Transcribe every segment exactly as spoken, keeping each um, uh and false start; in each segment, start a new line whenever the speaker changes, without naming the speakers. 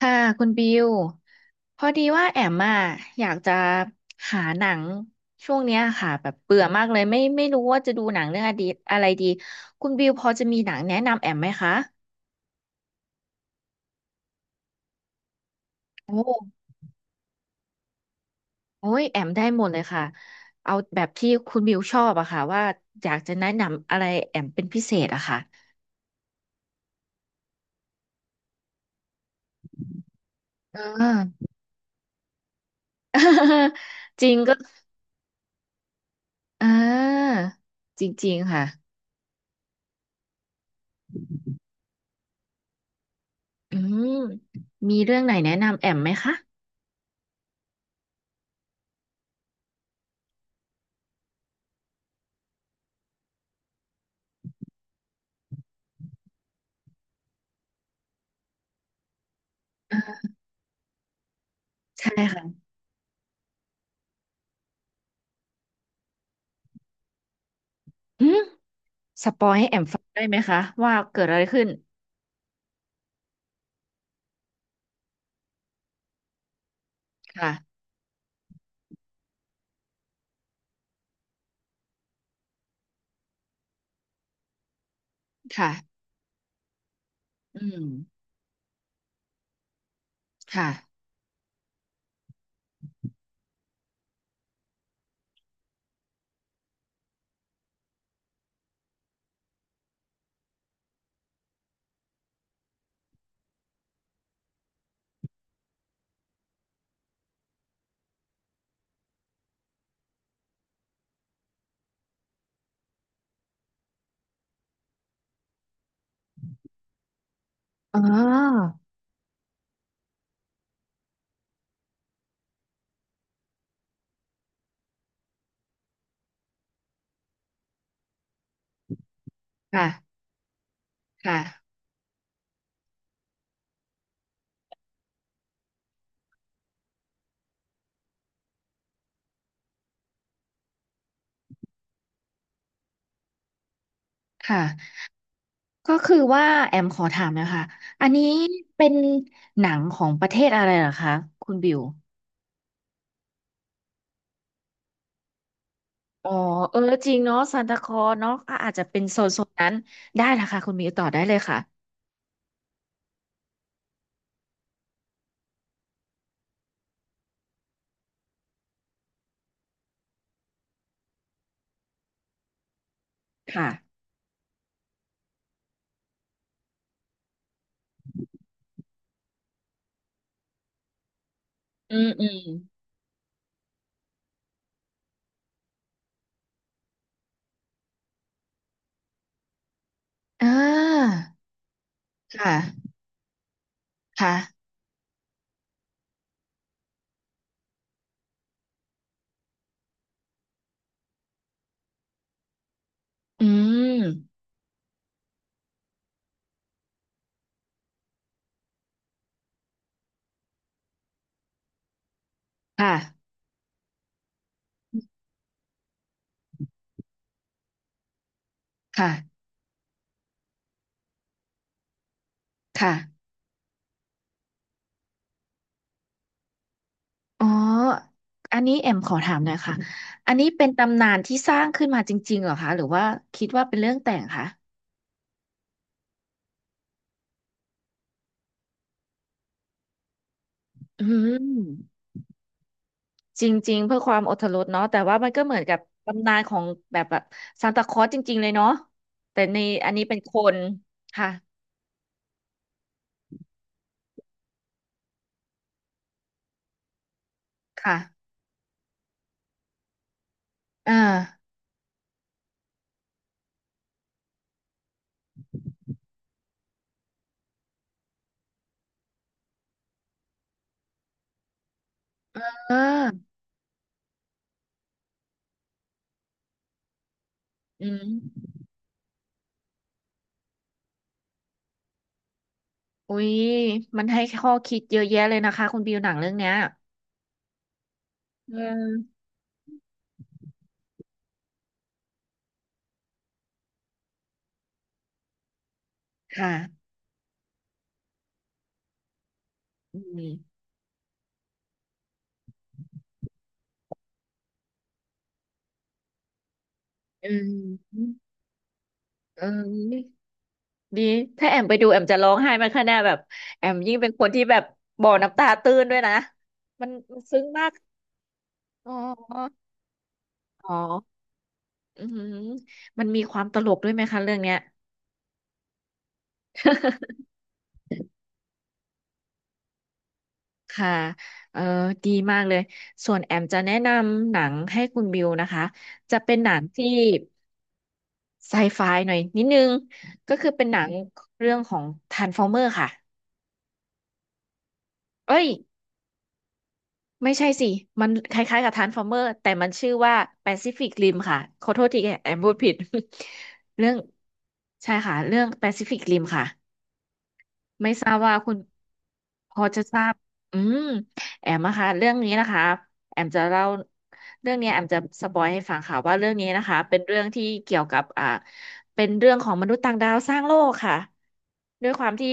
ค่ะคุณบิวพอดีว่าแอมอ่ะอยากจะหาหนังช่วงเนี้ยค่ะแบบเบื่อมากเลยไม่ไม่รู้ว่าจะดูหนังเรื่องอดีตอะไรดีคุณบิวพอจะมีหนังแนะนำแอมไหมคะโอ้โอ้ยแอมได้หมดเลยค่ะเอาแบบที่คุณบิวชอบอะค่ะว่าอยากจะแนะนำอะไรแอมเป็นพิเศษอะค่ะอ่า จริงก็อ่าจริงๆค่ะอืมมีเรื่องไหนแนะนำแอมไหมคะใช่ค่ะอืม สปอยให้แอมฟังได้ไหมคะว่าเกิดอะไรขึ้นค่ะค่ะอืมค่ะอ๋อค่ะค่ะค่ะก็คือว่าแอมขอถามนะคะอันนี้เป็นหนังของประเทศอะไรเหรอคะคุณบิวอ๋อเออจริงเนาะซานตาคลอสเนาะก็อาจจะเป็นโซนโซนนั้นได้ละค่ะคุณบิวต่อได้เลยค่ะค่ะอืมอืมอ่าค่ะค่ะอืมค่ะค่ะค่ะ อ๋ออันนี้แอมขอถามหน่อยค่ะอันนี้เป็นตำนานที่สร้างขึ้นมาจริงๆเหรอคะ หรือว่าคิดว่าเป็นเรื่องแต่งคะอืมจริงๆเพื่อความอรรถรสเนาะแต่ว่ามันก็เหมือนกับตำนานของแบบแบบซานตาคลอสจริงๆเลยเนาะแต่ในอันนี้เป็นคนค่ะ ค่ะอ่าอ่าอืมอุ๊ยมันให้ข้อคิดเยอะแยะเลยนะคะคุณบิวหนังเรื่องเนี้ยอืมค่ะอืมอืมอืม ดี ถ้าแอมไปดูแอมจะร้องไห้มันขนาดแบบแอมยิ่งเป็นคนที่แบบบ่อน้ำตาตื้นด้วยนะมันมันซึ้งมาก อ๋ออ๋ออืมมันมีความตลกด้วยไหมคะเรื่องเนี้ย ค่ะเออดีมากเลย ส่วนแอมจะแนะนำหนังให้คุณบิวนะคะ จะเป็นหนังที่ไซไฟหน่อยนิดนึง ก็คือเป็นหนังเรื่องของทรา r ฟอร์เมอร์ค่ะ เอ้ย ไม่ใช่สิ มันคล้ายๆกับทานฟอร์เมอร์แต่มันชื่อว่าแปซิฟิกริมค่ะขอโทษทีแอมพูดผิด เรื่องใช่ค่ะเรื่องแปซิฟิกริมค่ะ ไม่ทราบว่าคุณพอจะทราบอืมแอมนะคะเรื่องนี้นะคะแอมจะเล่าเรื่องเนี้ยแอมจะสปอยให้ฟังค่ะว่าเรื่องนี้นะคะเป็นเรื่องที่เกี่ยวกับอ่าเป็นเรื่องของมนุษย์ต่างดาวสร้างโลกค่ะด้วยความที่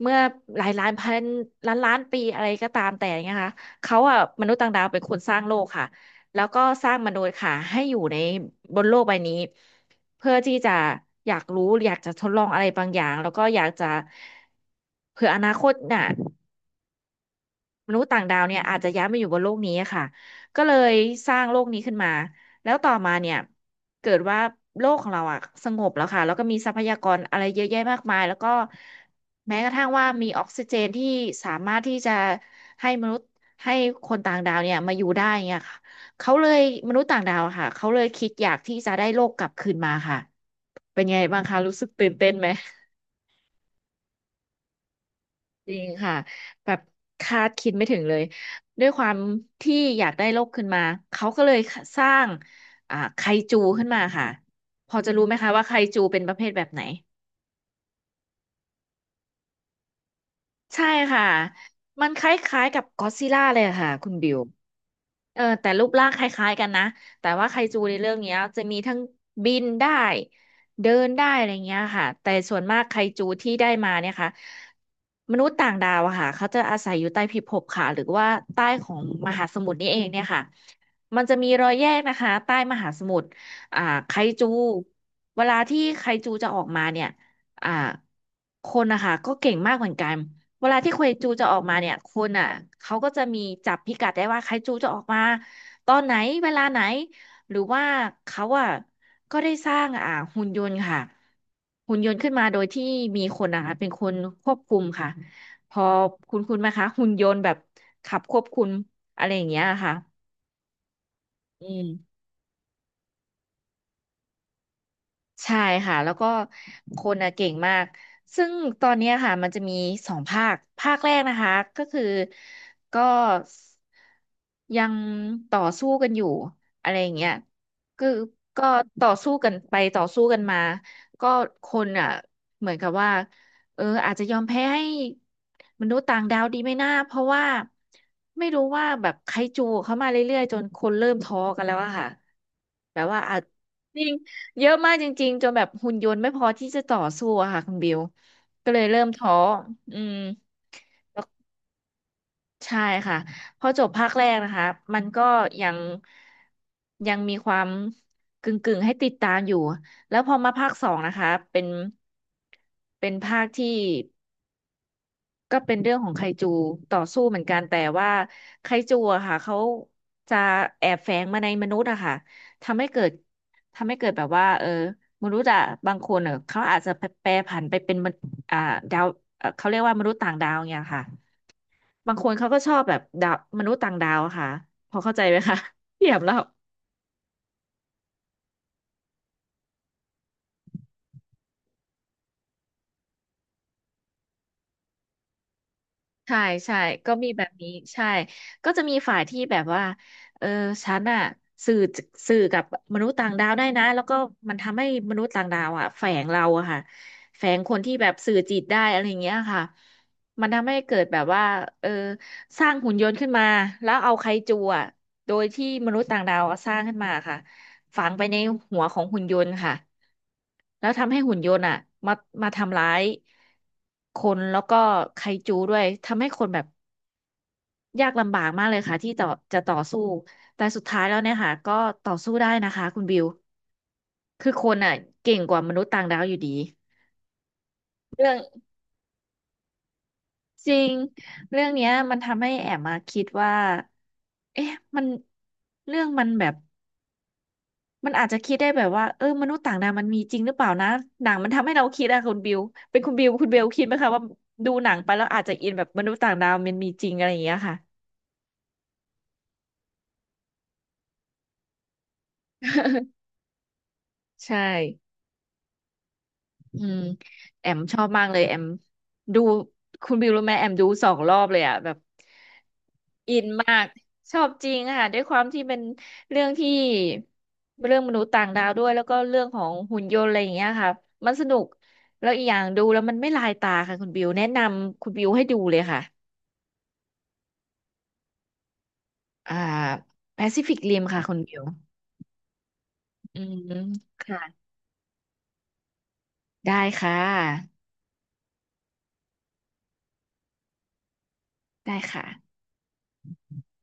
เมื่อหลายล้านพันล้านล้านปีอะไรก็ตามแต่เนะคะเขาอ่ะมนุษย์ต่างดาวเป็นคนสร้างโลกค่ะแล้วก็สร้างมนุษย์ค่ะให้อยู่ในบนโลกใบนี้ เพื่อที่จะอยากรู้อยากจะทดลองอะไรบางอย่างแล้วก็อยากจะเผื่ออนาคตน่ะ มนุษย์ต่างดาวเนี่ยอาจจะย้ายมาอยู่บนโลกนี้อะค่ะก็เลยสร้างโลกนี้ขึ้นมาแล้วต่อมาเนี่ยเกิดว่าโลกของเราอะสงบแล้วค่ะแล้วก็มีทรัพยากรอะไรเยอะแยะมากมายแล้วก็แม้กระทั่งว่ามีออกซิเจนที่สามารถที่จะให้มนุษย์ให้คนต่างดาวเนี่ยมาอยู่ได้เงี้ยค่ะเขาเลยมนุษย์ต่างดาวอะค่ะเขาเลยคิดอยากที่จะได้โลกกลับคืนมาค่ะเป็นไงบ้างคะรู้สึกตื่นเต้นไหม จริงค่ะแบบคาดคิดไม่ถึงเลยด้วยความที่อยากได้โลกขึ้นมาเขาก็เลยสร้างอ่าไคจูขึ้นมาค่ะพอจะรู้ไหมคะว่าไคจูเป็นประเภทแบบไหนใช่ค่ะมันคล้ายๆกับก็อดซิลล่าเลยอะค่ะคุณบิว เออแต่รูปร่างคล้ายๆกันนะแต่ว่าไคจูในเรื่องเนี้ยจะมีทั้งบินได้เดินได้อะไรเงี้ยค่ะแต่ส่วนมากไคจูที่ได้มาเนี่ยค่ะมนุษย์ต่างดาวอะค่ะเขาจะอาศัยอยู่ใต้พิภพค่ะหรือว่าใต้ของมหาสมุทรนี่เองเนี่ยค่ะมันจะมีรอยแยกนะคะใต้มหาสมุทรอ่าไคจูเวลาที่ไคจูจะออกมาเนี่ยอ่าคนนะคะก็เก่งมากเหมือนกัน เวลาที่เคนจูจะออกมาเนี่ยคนอ่ะเขาก็จะมีจับพิกัดได้ว่าใครจูจะออกมาตอนไหนเวลาไหนหรือว่าเขาอ่ะก็ได้สร้างอ่าหุ่นยนต์ค่ะหุ่นยนต์ขึ้นมาโดยที่มีคนนะคะเป็นคนควบคุมค่ะพอคุณคุณไหมคะหุ่นยนต์แบบขับควบคุมอะไรอย่างเงี้ยค่ะอืม ใช่ค่ะแล้วก็คนน่ะเก่งมากซึ่งตอนเนี้ยค่ะมันจะมีสองภาคภาคแรกนะคะก็คือก็ยังต่อสู้กันอยู่อะไรอย่างเงี้ยคือก็ต่อสู้กันไปต่อสู้กันมาก็คนอ่ะเหมือนกับว่าเอออาจจะยอมแพ้ให้มนุษย์ต่างดาวดีไหม่น่าเพราะว่าไม่รู้ว่าแบบไคจูเข้ามาเรื่อยๆจนคนเริ่มท้อกันแล้วอะค่ะแบบว่าอาจจริง เยอะมากจริงๆจนแบบหุ่นยนต์ไม่พอที่จะต่อสู้อะค่ะคุณบิว ก็เลยเริ่มท้ออืมใช่ค่ะพอจบภาคแรกนะคะมันก็ยังยังมีความกึ่งๆให้ติดตามอยู่แล้วพอมาภาคสองนะคะเป็นเป็นภาคที่ ก็เป็นเรื่องของไคจูต่อสู้เหมือนกันแต่ว่าไคจูอะค่ะเขาจะแอบแฝงมาในมนุษย์อะค่ะทำให้เกิดทำให้เกิดแบบว่าเออมนุษย์อะบางคนเออเขาอาจจะแปรผันไปเป็นมนอ่าดาวเอ่อเขาเรียกว่ามนุษย์ต่างดาวเนี่ยค่ะบางคนเขาก็ชอบแบบดาวมนุษย์ต่างดาวอะค่ะพอเข้าใจไหมคะ เทีย บแล้ว ใช่ใช่ก็มีแบบนี้ใช่ก็จะมีฝ่ายที่แบบว่าเออฉันอะสื่อสื่อกับมนุษย์ต่างดาวได้นะแล้วก็มันทำให้มนุษย์ต่างดาวอะแฝงเราอะค่ะแฝงคนที่แบบสื่อจิตได้อะไรอย่างเงี้ยค่ะมันทำให้เกิดแบบว่าเออสร้างหุ่นยนต์ขึ้นมาแล้วเอาไคจูอะโดยที่มนุษย์ต่างดาวอะสร้างขึ้นมาค่ะฝังไปในหัวของหุ่นยนต์ค่ะแล้วทำให้หุ่นยนต์อะมามาทำร้ายคนแล้วก็ไคจูด้วยทำให้คนแบบ ยากลำบากมากเลยค่ะที่จะจะต่อสู้ แต่สุดท้ายแล้วเนี่ยค่ะก็ต่อสู้ได้นะคะคุณบิวคือคนอ่ะเก่งกว่ามนุษย์ต่างดาวอยู่ดีเรื่องจริงเรื่องเนี้ยมันทำให้แอบมาคิดว่าเอ๊ะมันเรื่องมันแบบมันอาจจะคิดได้แบบว่าเออมนุษย์ต่างดาวมันมีจริงหรือเปล่านะหนังมันทำให้เราคิดอะคุณบิวเป็นคุณบิวคุณเบลคิดไหมคะว่าดูหนังไปแล้วอาจจะอินแบบมนุษย์ต่างดาวมันมีจริงอะไรอย่างเงี้ยค่ะ ใช่ อืมแอมชอบมากเลยแอมดูคุณบิวรู้ไหมแอมดูสองรอบเลยอ่ะแบบชอบจริงค่ะด้วยความที่เป็นเรื่องที่เรื่องมนุษย์ต่างดาวด้วยแล้วก็เรื่องของหุ่นยนต์อะไรอย่างเงี้ยค่ะมันสนุกแล้วอีกอย่างดูแล้วมันไม่ลายตาค่ะคุณบิวแนะนำคุณบิวให้ดูเลยค่ะอ่า แปซิฟิค ริม ค่ะคุณบิวอืมค่ะได้ค่ะได้ค่ะ